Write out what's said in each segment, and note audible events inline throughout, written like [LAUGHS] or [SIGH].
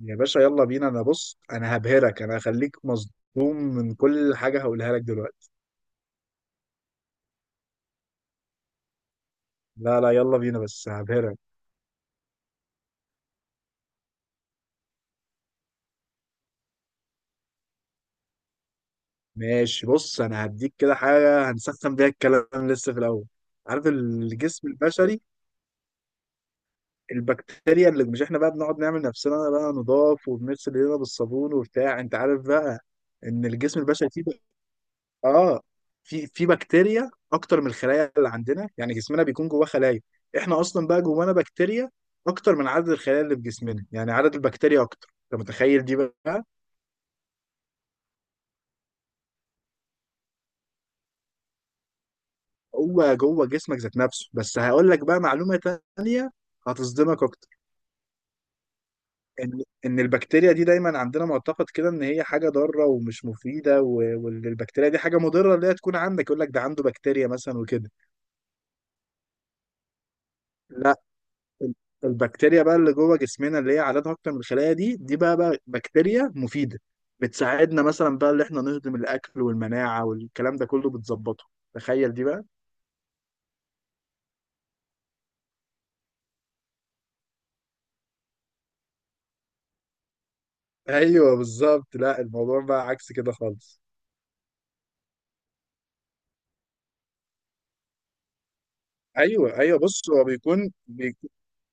يا باشا يلا بينا. انا بص، انا هبهرك، انا هخليك مصدوم من كل حاجة هقولها لك دلوقتي. لا، يلا بينا بس هبهرك. ماشي، بص انا هديك كده حاجة هنسخن بيها الكلام لسه في الاول. عارف الجسم البشري، البكتيريا اللي مش احنا بقى بنقعد نعمل نفسنا بقى نضاف وبنغسل ايدينا بالصابون وبتاع، انت عارف بقى، ان الجسم البشري فيه اه في بكتيريا اكتر من الخلايا اللي عندنا. يعني جسمنا بيكون جواه خلايا، احنا اصلا بقى جوانا بكتيريا اكتر من عدد الخلايا اللي في جسمنا. يعني عدد البكتيريا اكتر، انت متخيل دي بقى؟ هو جوه جسمك ذات نفسه. بس هقول لك بقى معلومة تانية هتصدمك اكتر. ان البكتيريا دي دايما عندنا معتقد كده ان هي حاجه ضاره ومش مفيده، وان البكتيريا دي حاجه مضره، اللي هي تكون عندك يقول لك ده عنده بكتيريا مثلا وكده. لا، البكتيريا بقى اللي جوه جسمنا اللي هي عددها اكتر من الخلايا دي، دي بقى، بكتيريا مفيده. بتساعدنا مثلا بقى اللي احنا نهضم الاكل والمناعه والكلام ده كله بتظبطه. تخيل دي بقى. ايوه بالظبط، لا الموضوع بقى عكس كده خالص. ايوه، بص هو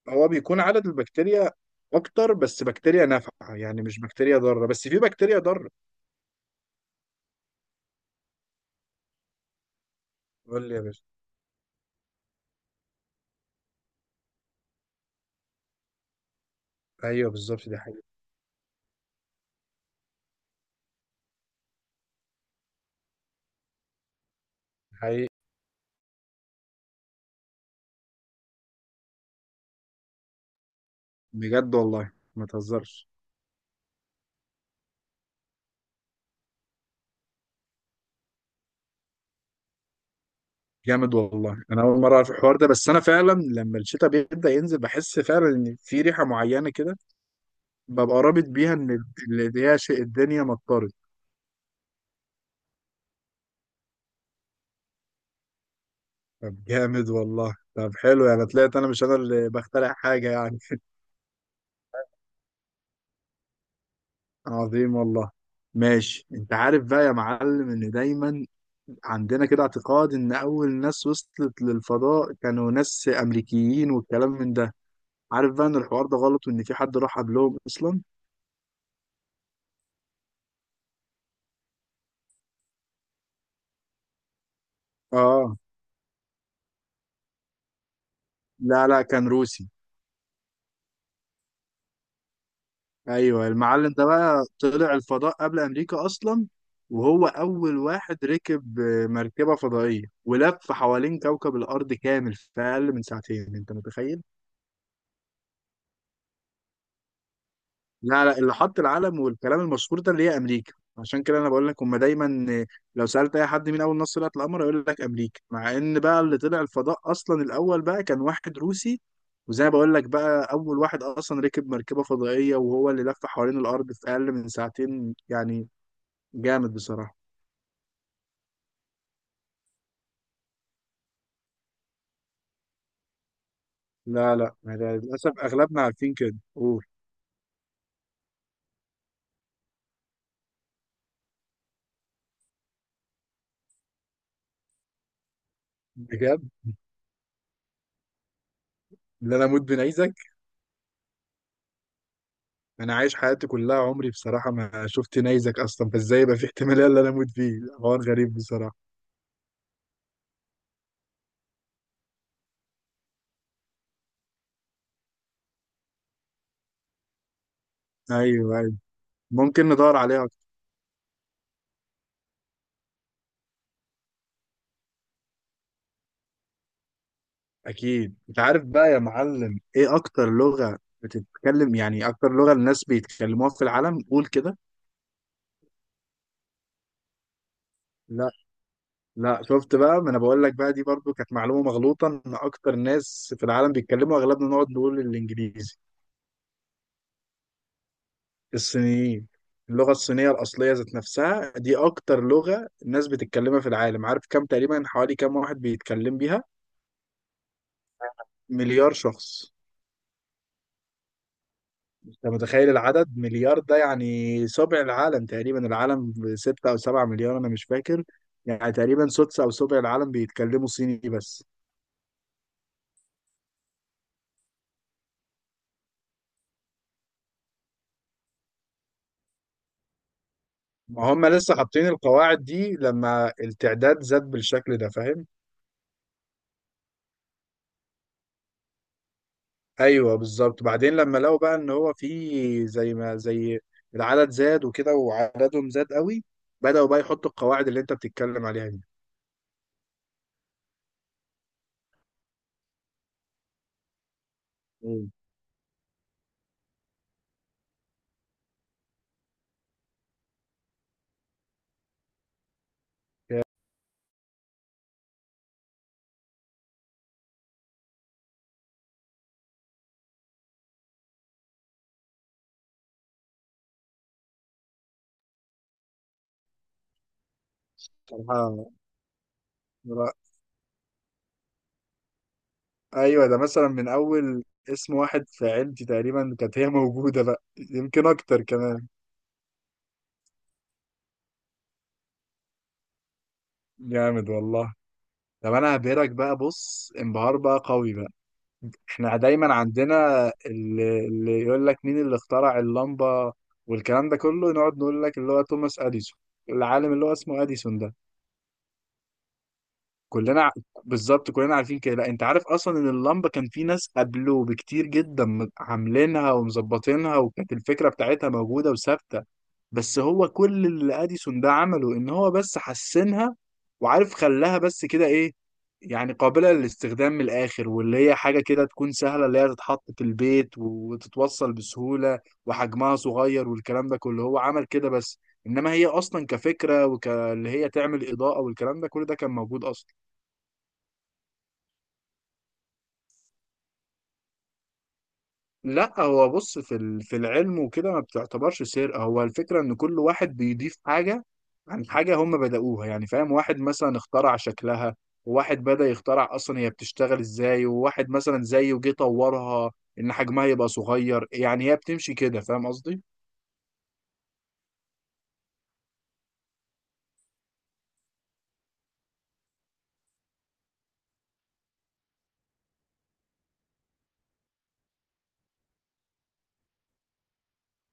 هو بيكون عدد البكتيريا اكتر بس بكتيريا نافعه، يعني مش بكتيريا ضاره، بس في بكتيريا ضاره. قول لي يا باشا. ايوه بالظبط، دي حقيقة حقيقي. بجد والله، ما تهزرش. جامد والله، انا اول مره اعرف الحوار ده. بس انا فعلا لما الشتاء بيبدا ينزل بحس فعلا ان في ريحه معينه كده، ببقى رابط بيها ان اللي هي شيء الدنيا مطرت. طب جامد والله، طب حلو، يعني طلعت انا مش انا اللي بخترع حاجه يعني. [LAUGHS] عظيم والله. ماشي، انت عارف بقى يا معلم ان دايما عندنا كده اعتقاد ان اول ناس وصلت للفضاء كانوا ناس امريكيين والكلام من ده. عارف بقى ان الحوار ده غلط وان في حد راح قبلهم اصلا؟ اه، لا كان روسي. ايوه المعلم ده بقى طلع الفضاء قبل امريكا اصلا. وهو اول واحد ركب مركبه فضائيه، ولف حوالين كوكب الارض كامل في اقل من ساعتين، انت متخيل؟ لا، اللي حط العلم والكلام المشهور ده اللي هي امريكا. عشان كده انا بقول لك هم دايما لو سالت اي حد مين اول ناس طلعت القمر يقول لك امريكا، مع ان بقى اللي طلع الفضاء اصلا الاول بقى كان واحد روسي. وزي ما بقول لك بقى اول واحد اصلا ركب مركبه فضائيه، وهو اللي لف حوالين الارض في اقل من ساعتين يعني. جامد بصراحة. لا، أنا للأسف أغلبنا عارفين كده، قول. بجد، اللي أنا أموت بنيزك؟ أنا عايش حياتي كلها عمري بصراحة ما شفت نيزك أصلا، فإزاي يبقى في احتمالية اللي أنا أموت فيه؟ حوار غريب بصراحة. أيوه، ممكن ندور عليها أكتر. أكيد. أنت عارف بقى يا معلم إيه أكتر لغة بتتكلم، يعني أكتر لغة الناس بيتكلموها في العالم؟ قول كده. لا لا، شفت بقى، ما أنا بقول لك بقى دي برضو كانت معلومة مغلوطة. إن أكتر ناس في العالم بيتكلموا، أغلبنا نقعد نقول الإنجليزي. الصينيين. اللغة الصينية الأصلية ذات نفسها دي أكتر لغة الناس بتتكلمها في العالم. عارف كم تقريبا، حوالي كم واحد بيتكلم بيها؟ مليار شخص. أنت متخيل العدد مليار ده؟ يعني سبع العالم تقريبا، العالم ستة أو سبعة مليار أنا مش فاكر. يعني تقريبا سدس أو سبع العالم بيتكلموا صيني بس. ما هم لسه حاطين القواعد دي لما التعداد زاد بالشكل ده، فاهم؟ ايوه بالظبط، بعدين لما لقوا بقى ان هو زي ما العدد زاد وكده وعددهم زاد قوي، بدأوا بقى يحطوا القواعد اللي انت بتتكلم عليها دي. مم. بصراحة، لا. ايوه، ده مثلا من اول اسم واحد في عيلتي تقريبا كانت هي موجودة بقى، يمكن اكتر كمان. جامد والله. طب انا هبهرك بقى، بص، انبهار بقى قوي بقى. احنا دايما عندنا اللي يقول لك مين اللي اخترع اللمبة والكلام ده كله، نقعد نقول لك اللي هو توماس اديسون، العالم اللي هو اسمه اديسون ده. كلنا ع- بالظبط، كلنا عارفين كده. لا، انت عارف اصلا ان اللمبة كان في ناس قبله بكتير جدا عاملينها ومظبطينها، وكانت الفكرة بتاعتها موجودة وثابتة. بس هو كل اللي اديسون ده عمله ان هو بس حسنها، وعارف خلاها بس كده ايه، يعني قابلة للاستخدام. من الآخر واللي هي حاجة كده تكون سهلة، اللي هي تتحط في البيت وتتوصل بسهولة وحجمها صغير والكلام ده كله، هو عمل كده بس. إنما هي أصلا كفكرة، وكاللي هي تعمل إضاءة والكلام ده، كل ده كان موجود أصلا. لا هو بص، في في العلم وكده ما بتعتبرش سرقة. هو الفكرة ان كل واحد بيضيف حاجة عن حاجة هم بدأوها، يعني فاهم؟ واحد مثلا اخترع شكلها، وواحد بدأ يخترع اصلا هي بتشتغل ازاي، وواحد مثلا زيه جه طورها ان حجمها يبقى صغير. يعني هي بتمشي كده، فاهم قصدي؟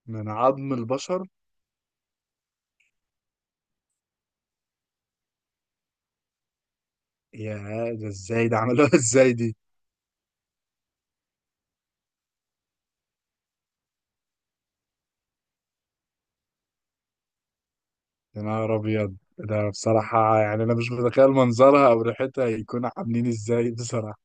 من عظم البشر؟ يا، ده ازاي ده عملوها [LAUGHS] ازاي دي؟ يا نهار ابيض، ده بصراحة يعني انا مش متخيل منظرها او ريحتها يكونوا عاملين ازاي بصراحة.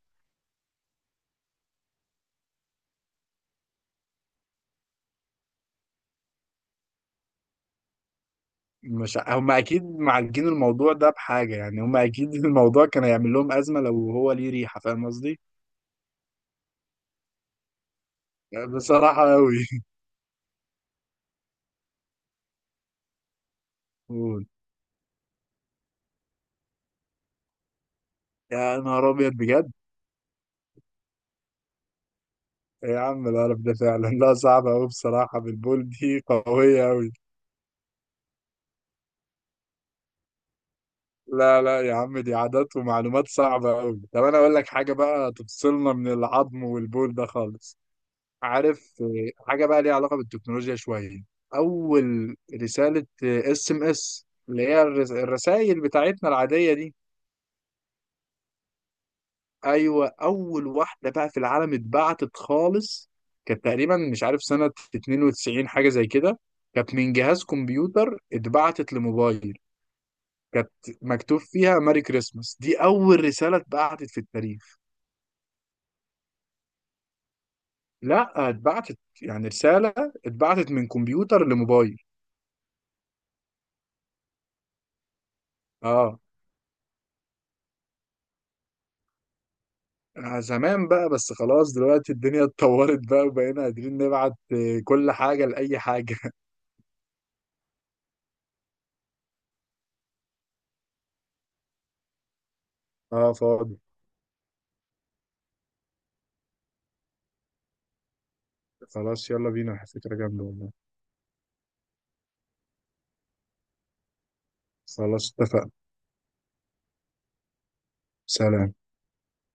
مش ع- هم اكيد معالجين الموضوع ده بحاجه، يعني هم اكيد [LAUGHS] الموضوع كان هيعمل لهم ازمه لو هو ليه ريحه، فاهم قصدي؟ يعني بصراحه قوي. [LAUGHS] يا نهار ابيض بجد. إيه يا عم القرف ده فعلا، لا صعبه قوي بصراحه، بالبول دي [LAUGHS] قويه قوي. لا لا يا عم، دي عادات ومعلومات صعبه قوي. طب انا اقول لك حاجه بقى تفصلنا من العظم والبول ده خالص. عارف حاجة بقى ليها علاقة بالتكنولوجيا شوية؟ أول رسالة SMS، اللي هي الرسائل بتاعتنا العادية دي. أيوة، أول واحدة بقى في العالم اتبعتت خالص كانت تقريبا مش عارف سنة 92 حاجة زي كده. كانت من جهاز كمبيوتر اتبعتت لموبايل. كانت مكتوب فيها ماري كريسماس. دي أول رسالة اتبعتت في التاريخ. لا، اتبعتت يعني رسالة، اتبعتت من كمبيوتر لموبايل. اه. زمان بقى، بس خلاص دلوقتي الدنيا [LAUGHS] اتطورت بقى، وبقينا قادرين نبعت كل حاجة لأي حاجة. [LAUGHS] اه فاضي. خلاص يلا بينا، فكرة جامدة والله. خلاص اتفقنا. سلام.